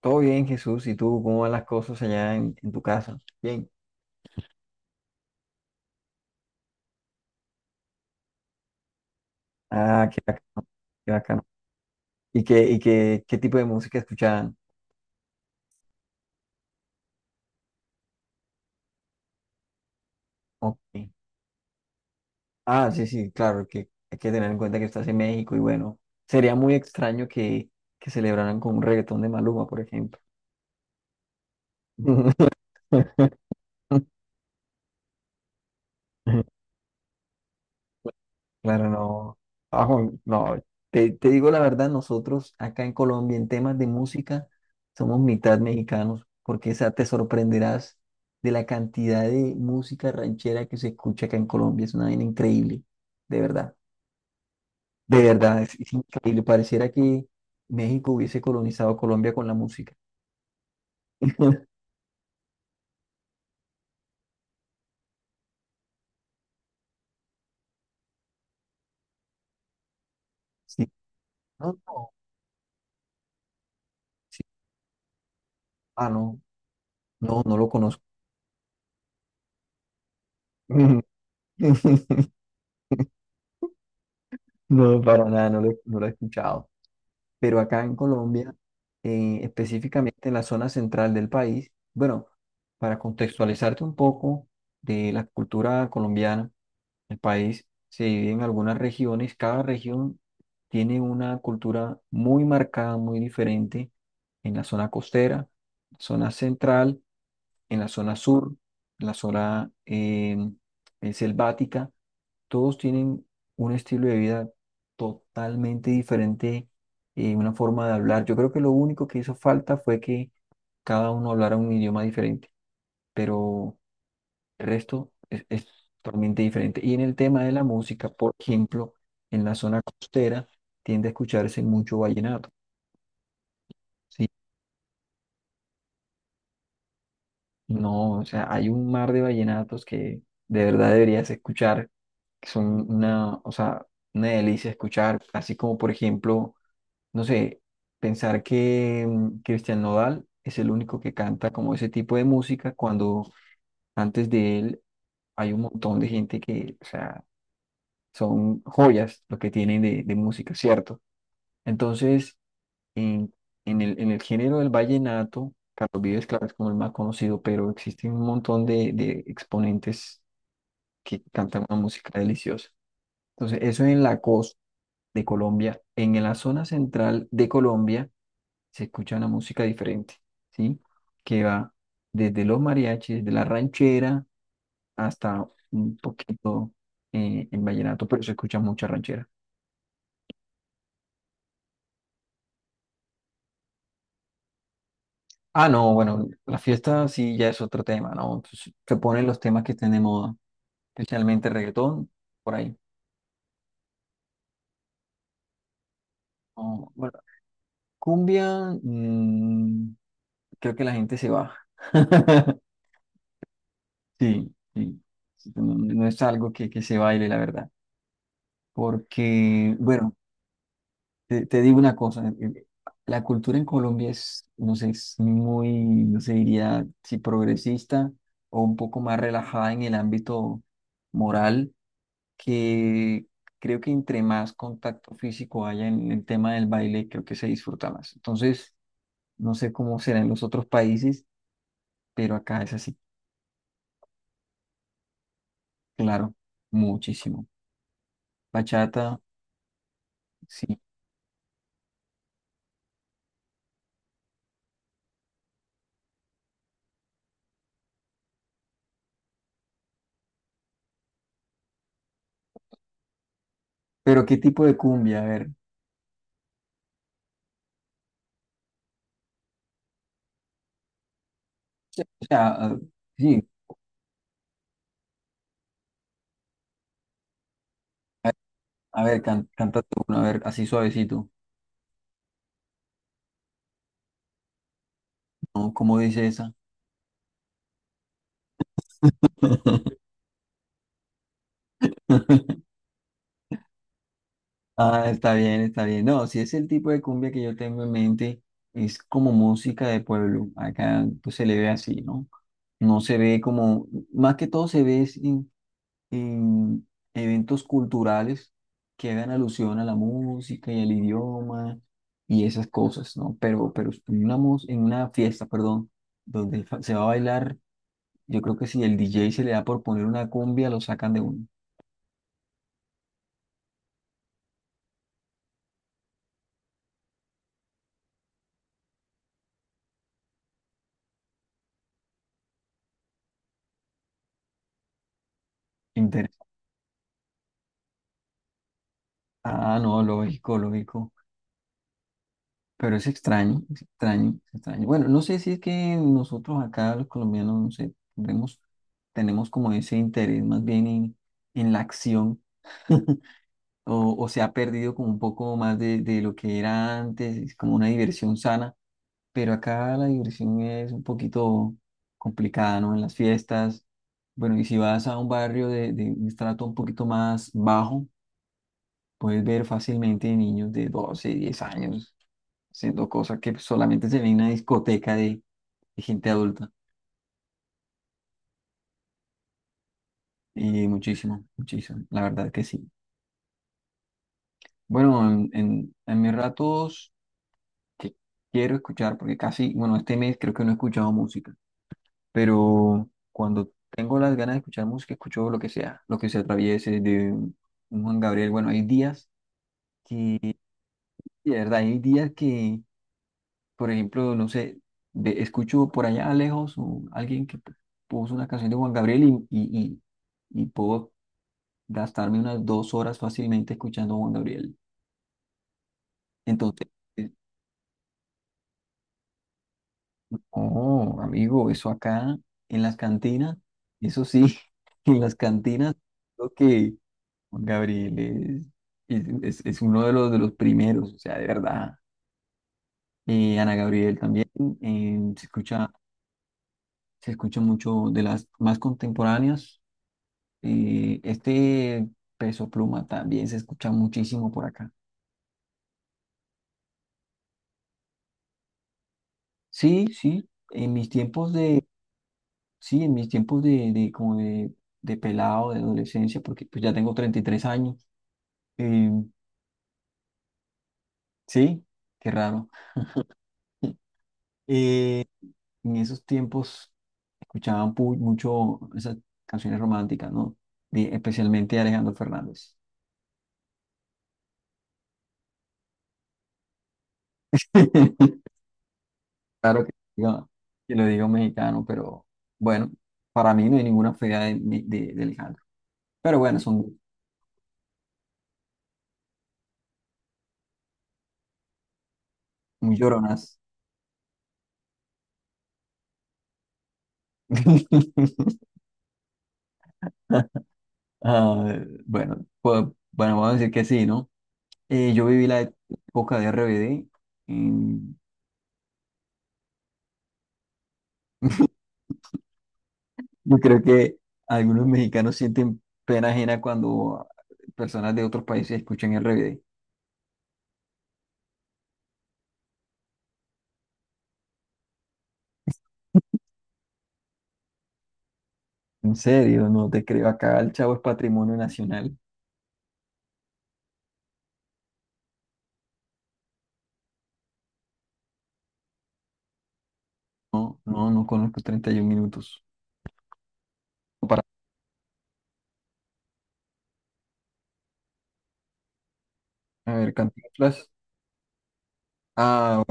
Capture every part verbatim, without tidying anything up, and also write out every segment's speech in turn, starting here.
Todo bien, Jesús. ¿Y tú cómo van las cosas allá en, en tu casa? Bien. Ah, qué bacano, qué bacano. ¿Y qué, y qué, qué tipo de música escuchaban? Ok. Ah, sí, sí, claro, que hay que tener en cuenta que estás en México y bueno, sería muy extraño que, que celebraran con un reggaetón de Maluma, por ejemplo. Claro, no. Ajo, no. Te, te digo la verdad, nosotros acá en Colombia en temas de música somos mitad mexicanos, porque esa te sorprenderás de la cantidad de música ranchera que se escucha acá en Colombia. Es una vaina increíble, de verdad. De verdad, es, es increíble. Pareciera que México hubiese colonizado Colombia con la música. Sí. No, no. Sí. Ah, no. No, no lo conozco. No, para nada, no lo, no lo he escuchado. Pero acá en Colombia, eh, específicamente en la zona central del país, bueno, para contextualizarte un poco de la cultura colombiana, el país se divide en algunas regiones, cada región tiene una cultura muy marcada, muy diferente en la zona costera, zona central, en la zona sur, en la zona eh, eh, selvática, todos tienen un estilo de vida totalmente diferente, eh, una forma de hablar. Yo creo que lo único que hizo falta fue que cada uno hablara un idioma diferente, pero el resto es, es totalmente diferente. Y en el tema de la música, por ejemplo, en la zona costera tiende a escucharse mucho vallenato, ¿sí? No, o sea, hay un mar de vallenatos que de verdad deberías escuchar, que son una, o sea, una delicia escuchar, así como por ejemplo no sé, pensar que mm, Cristian Nodal es el único que canta como ese tipo de música, cuando antes de él hay un montón de gente que, o sea, son joyas lo que tienen de, de música, ¿cierto? Entonces, en, en el, en el género del vallenato, Carlos Vives, claro, es como el más conocido, pero existen un montón de, de exponentes que cantan una música deliciosa. Entonces, eso en la costa de Colombia; en la zona central de Colombia se escucha una música diferente, ¿sí? Que va desde los mariachis, de la ranchera, hasta un poquito eh, el vallenato, pero se escucha mucha ranchera. Ah, no, bueno, la fiesta sí ya es otro tema, ¿no? Entonces, se ponen los temas que estén de moda, especialmente reggaetón, por ahí. Oh, bueno, cumbia, mm, creo que la gente se va. Sí, sí. No, no es algo que, que, se baile, la verdad. Porque, bueno, Te, te digo una cosa, eh, la cultura en Colombia es, no sé, es muy, no sé, diría si progresista o un poco más relajada en el ámbito moral, que creo que entre más contacto físico haya en el tema del baile, creo que se disfruta más. Entonces, no sé cómo será en los otros países, pero acá es así, claro, muchísimo. Bachata, sí. Pero ¿qué tipo de cumbia? A ver, o sea, ah, sí. A ver, can- canta tú, a ver, así suavecito. ¿No? ¿Cómo dice esa? Ah, está bien, está bien. No, si es el tipo de cumbia que yo tengo en mente, es como música de pueblo. Acá pues, se le ve así, ¿no? No se ve como, más que todo se ve es en, en eventos culturales que hagan alusión a la música y al idioma y esas cosas, ¿no? Pero, pero en una, mus- en una fiesta, perdón, donde fa- se va a bailar. Yo creo que si el D J se le da por poner una cumbia, lo sacan de un interés. Ah, no, lógico, lógico. Pero es extraño, es extraño, es extraño. Bueno, no sé si es que nosotros acá, los colombianos, no sé, tenemos, tenemos como ese interés más bien en, en la acción, o, o se ha perdido como un poco más de, de lo que era antes, es como una diversión sana. Pero acá la diversión es un poquito complicada, ¿no? En las fiestas. Bueno, y si vas a un barrio de, de, un estrato un poquito más bajo, puedes ver fácilmente niños de doce diez años haciendo cosas que solamente se ven en una discoteca de, de gente adulta. Y muchísimo, muchísimo, la verdad que sí. Bueno, en, en, en mis ratos que quiero escuchar, porque casi, bueno, este mes creo que no he escuchado música, pero cuando tengo las ganas de escuchar música, escucho lo que sea, lo que se atraviese de un Juan Gabriel. Bueno, hay días que, de verdad, hay días que... Por ejemplo, no sé, ve- escucho por allá lejos un- alguien que pu- puso una canción de Juan Gabriel y, y, y, y, puedo gastarme unas dos horas fácilmente escuchando a Juan Gabriel. Entonces, eh, oh, amigo, eso acá en las cantinas, eso sí, en las cantinas, creo que Juan Gabriel es, es, es- es uno de los, de los primeros, o sea, de verdad. Eh, Ana Gabriel también, eh, se escucha, se escucha mucho de las más contemporáneas. Eh, este Peso Pluma también se escucha muchísimo por acá. Sí, sí, en mis tiempos de, sí, en mis tiempos de, de como de, de pelado, de adolescencia, porque pues ya tengo treinta y tres años. Eh, sí, qué raro. Eh, en esos tiempos escuchaban pu- mucho esas canciones románticas, ¿no? De- especialmente de Alejandro Fernández. Claro que, diga- que lo digo mexicano, pero bueno, para mí no hay ninguna fea de, de, de Alejandro. Pero bueno, son muy lloronas. Ah, bueno, pues, bueno, vamos a decir que sí, ¿no? Eh, yo viví la época de R B D. mm, yo creo que algunos mexicanos sienten pena ajena cuando personas de otros países escuchan R B D. En serio, no te creo. Acá el Chavo es patrimonio nacional. No, no, no conozco 31 minutos. Para, a ver, cantinflas. Ah,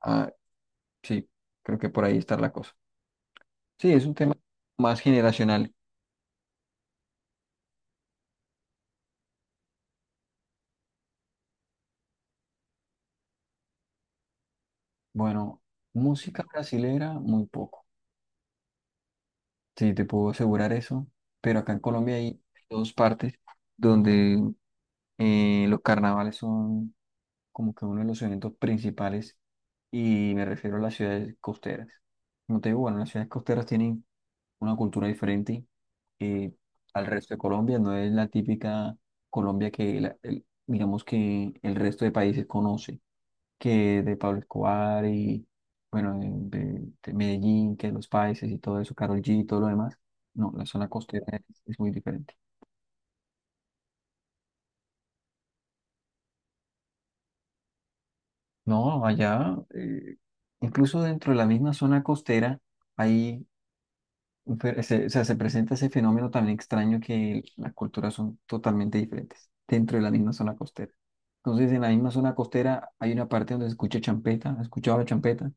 ah, sí, creo que por ahí está la cosa. Sí, es un tema más generacional. Bueno, música brasilera, muy poco. Sí, te puedo asegurar eso. Pero acá en Colombia hay dos partes donde eh, los carnavales son como que uno de los eventos principales, y me refiero a las ciudades costeras. Como te digo, bueno, las ciudades costeras tienen una cultura diferente, eh, al resto de Colombia. No es la típica Colombia que, la- el- digamos que el resto de países conoce. Que de Pablo Escobar y, bueno, de, de- de Medellín, que los países y todo eso, Karol G y todo lo demás. No, la zona costera es, es muy diferente. No, allá, eh, incluso dentro de la misma zona costera, hay, un fe- se, o sea, se presenta ese fenómeno también extraño que las culturas son totalmente diferentes dentro de la misma zona costera. Entonces, en la misma zona costera hay una parte donde se escucha champeta, ¿has escuchado la champeta?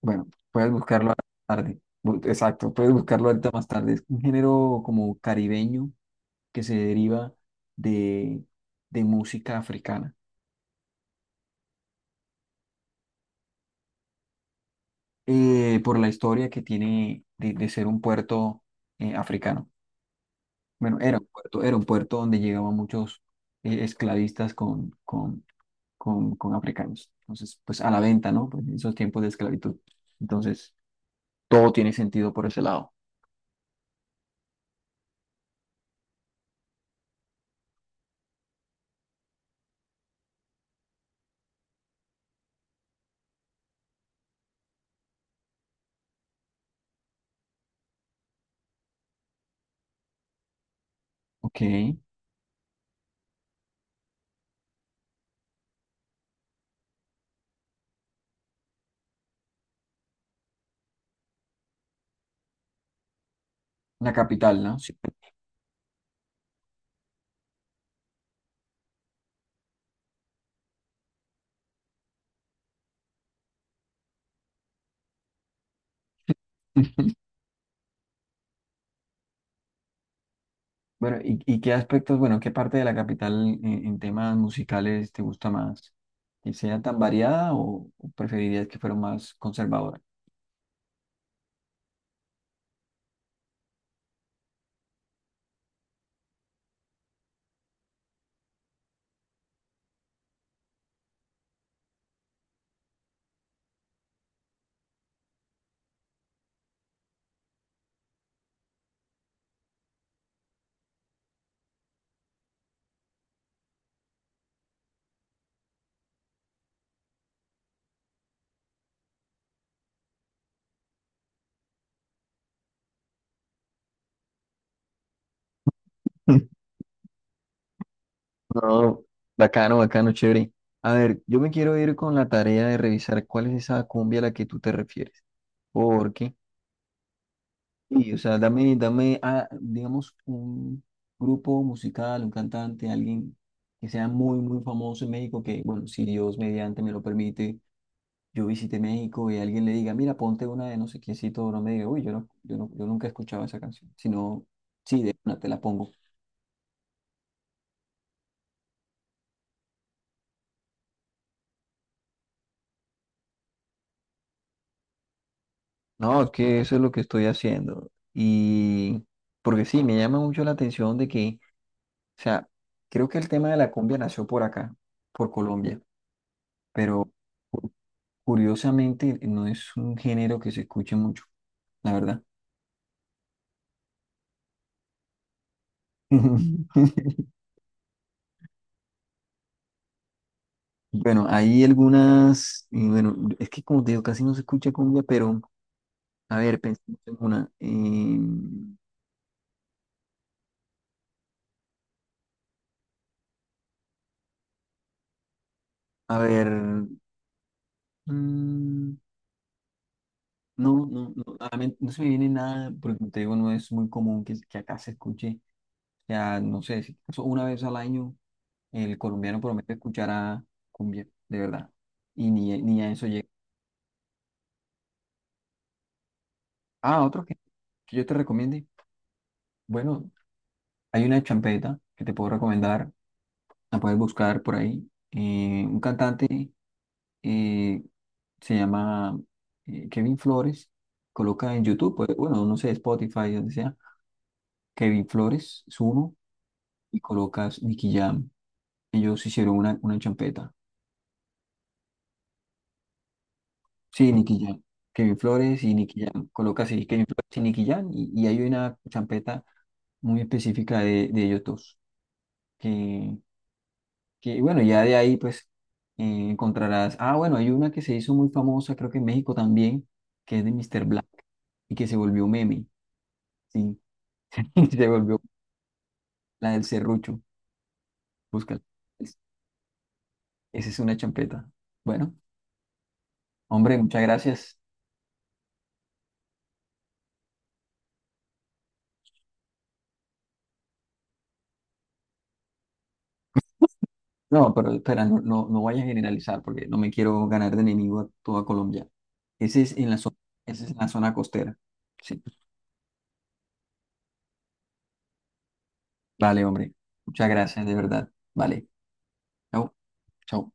Bueno, puedes buscarlo a la tarde. Bu- Exacto, puedes buscarlo ahorita más tarde. Es un género como caribeño que se deriva de, de música africana, eh, por la historia que tiene de, de ser un puerto eh, africano. Bueno, era un puerto, era un puerto donde llegaban muchos eh, esclavistas con, con, con, con africanos. Entonces, pues a la venta, ¿no? Pues, en esos tiempos de esclavitud. Entonces, todo tiene sentido por ese lado. Ok, la capital, ¿no? Sí. Bueno, ¿y, y qué aspectos, bueno, qué parte de la capital en, en temas musicales te gusta más? ¿Que sea tan variada o, o preferirías que fuera más conservadora? No, bacano, bacano, chévere. A ver, yo me quiero ir con la tarea de revisar cuál es esa cumbia a la que tú te refieres. Porque, sí, o sea, dame, dame, ah, digamos, un grupo musical, un cantante, alguien que sea muy, muy famoso en México, que, bueno, si Dios mediante me lo permite, yo visité México y alguien le diga, mira, ponte una de no sé quiéncito, no me diga, uy, yo no, yo no, yo nunca he escuchado esa canción, sino, sí, de una te la pongo. No, es que eso es lo que estoy haciendo. Y porque sí, me llama mucho la atención de que, o sea, creo que el tema de la cumbia nació por acá, por Colombia, pero cu- curiosamente no es un género que se escuche mucho, la verdad. Bueno, hay algunas, y bueno, es que como te digo, casi no se escucha cumbia, pero... A ver, pensemos en una. em, a ver. mm, no, no, no, a la mente no se me viene nada, porque como te digo, no es muy común que, que, acá se escuche. Ya, no sé, si acaso una vez al año el colombiano promete escuchar a cumbia, de verdad. Y ni, ni a eso llega. Ah, otro que, que yo te recomiende. Bueno, hay una champeta que te puedo recomendar. La puedes buscar por ahí. eh, un cantante, eh, se llama, eh, Kevin Flores, coloca en YouTube, pues, bueno, no sé, Spotify, donde sea, Kevin Flores es uno, y colocas Nicky Jam. Ellos hicieron una, una champeta. Sí, Nicky Jam. Kevin Flores y Nicky Jam. Colocas ahí Kevin Flores y Nicky Jam y, y hay una champeta muy específica de, de ellos dos. Que, que, bueno, ya de ahí pues eh, encontrarás. Ah, bueno, hay una que se hizo muy famosa, creo que en México también, que es de mister Black y que se volvió meme. Sí, se volvió... La del serrucho. Búscala. Es- Esa es una champeta. Bueno, hombre, muchas gracias. No, pero espera, no, no, no vayas a generalizar porque no me quiero ganar de enemigo a toda Colombia. Ese es en la zona, ese es en la zona costera. Sí. Vale, hombre. Muchas gracias, de verdad. Vale. Chao. Chao.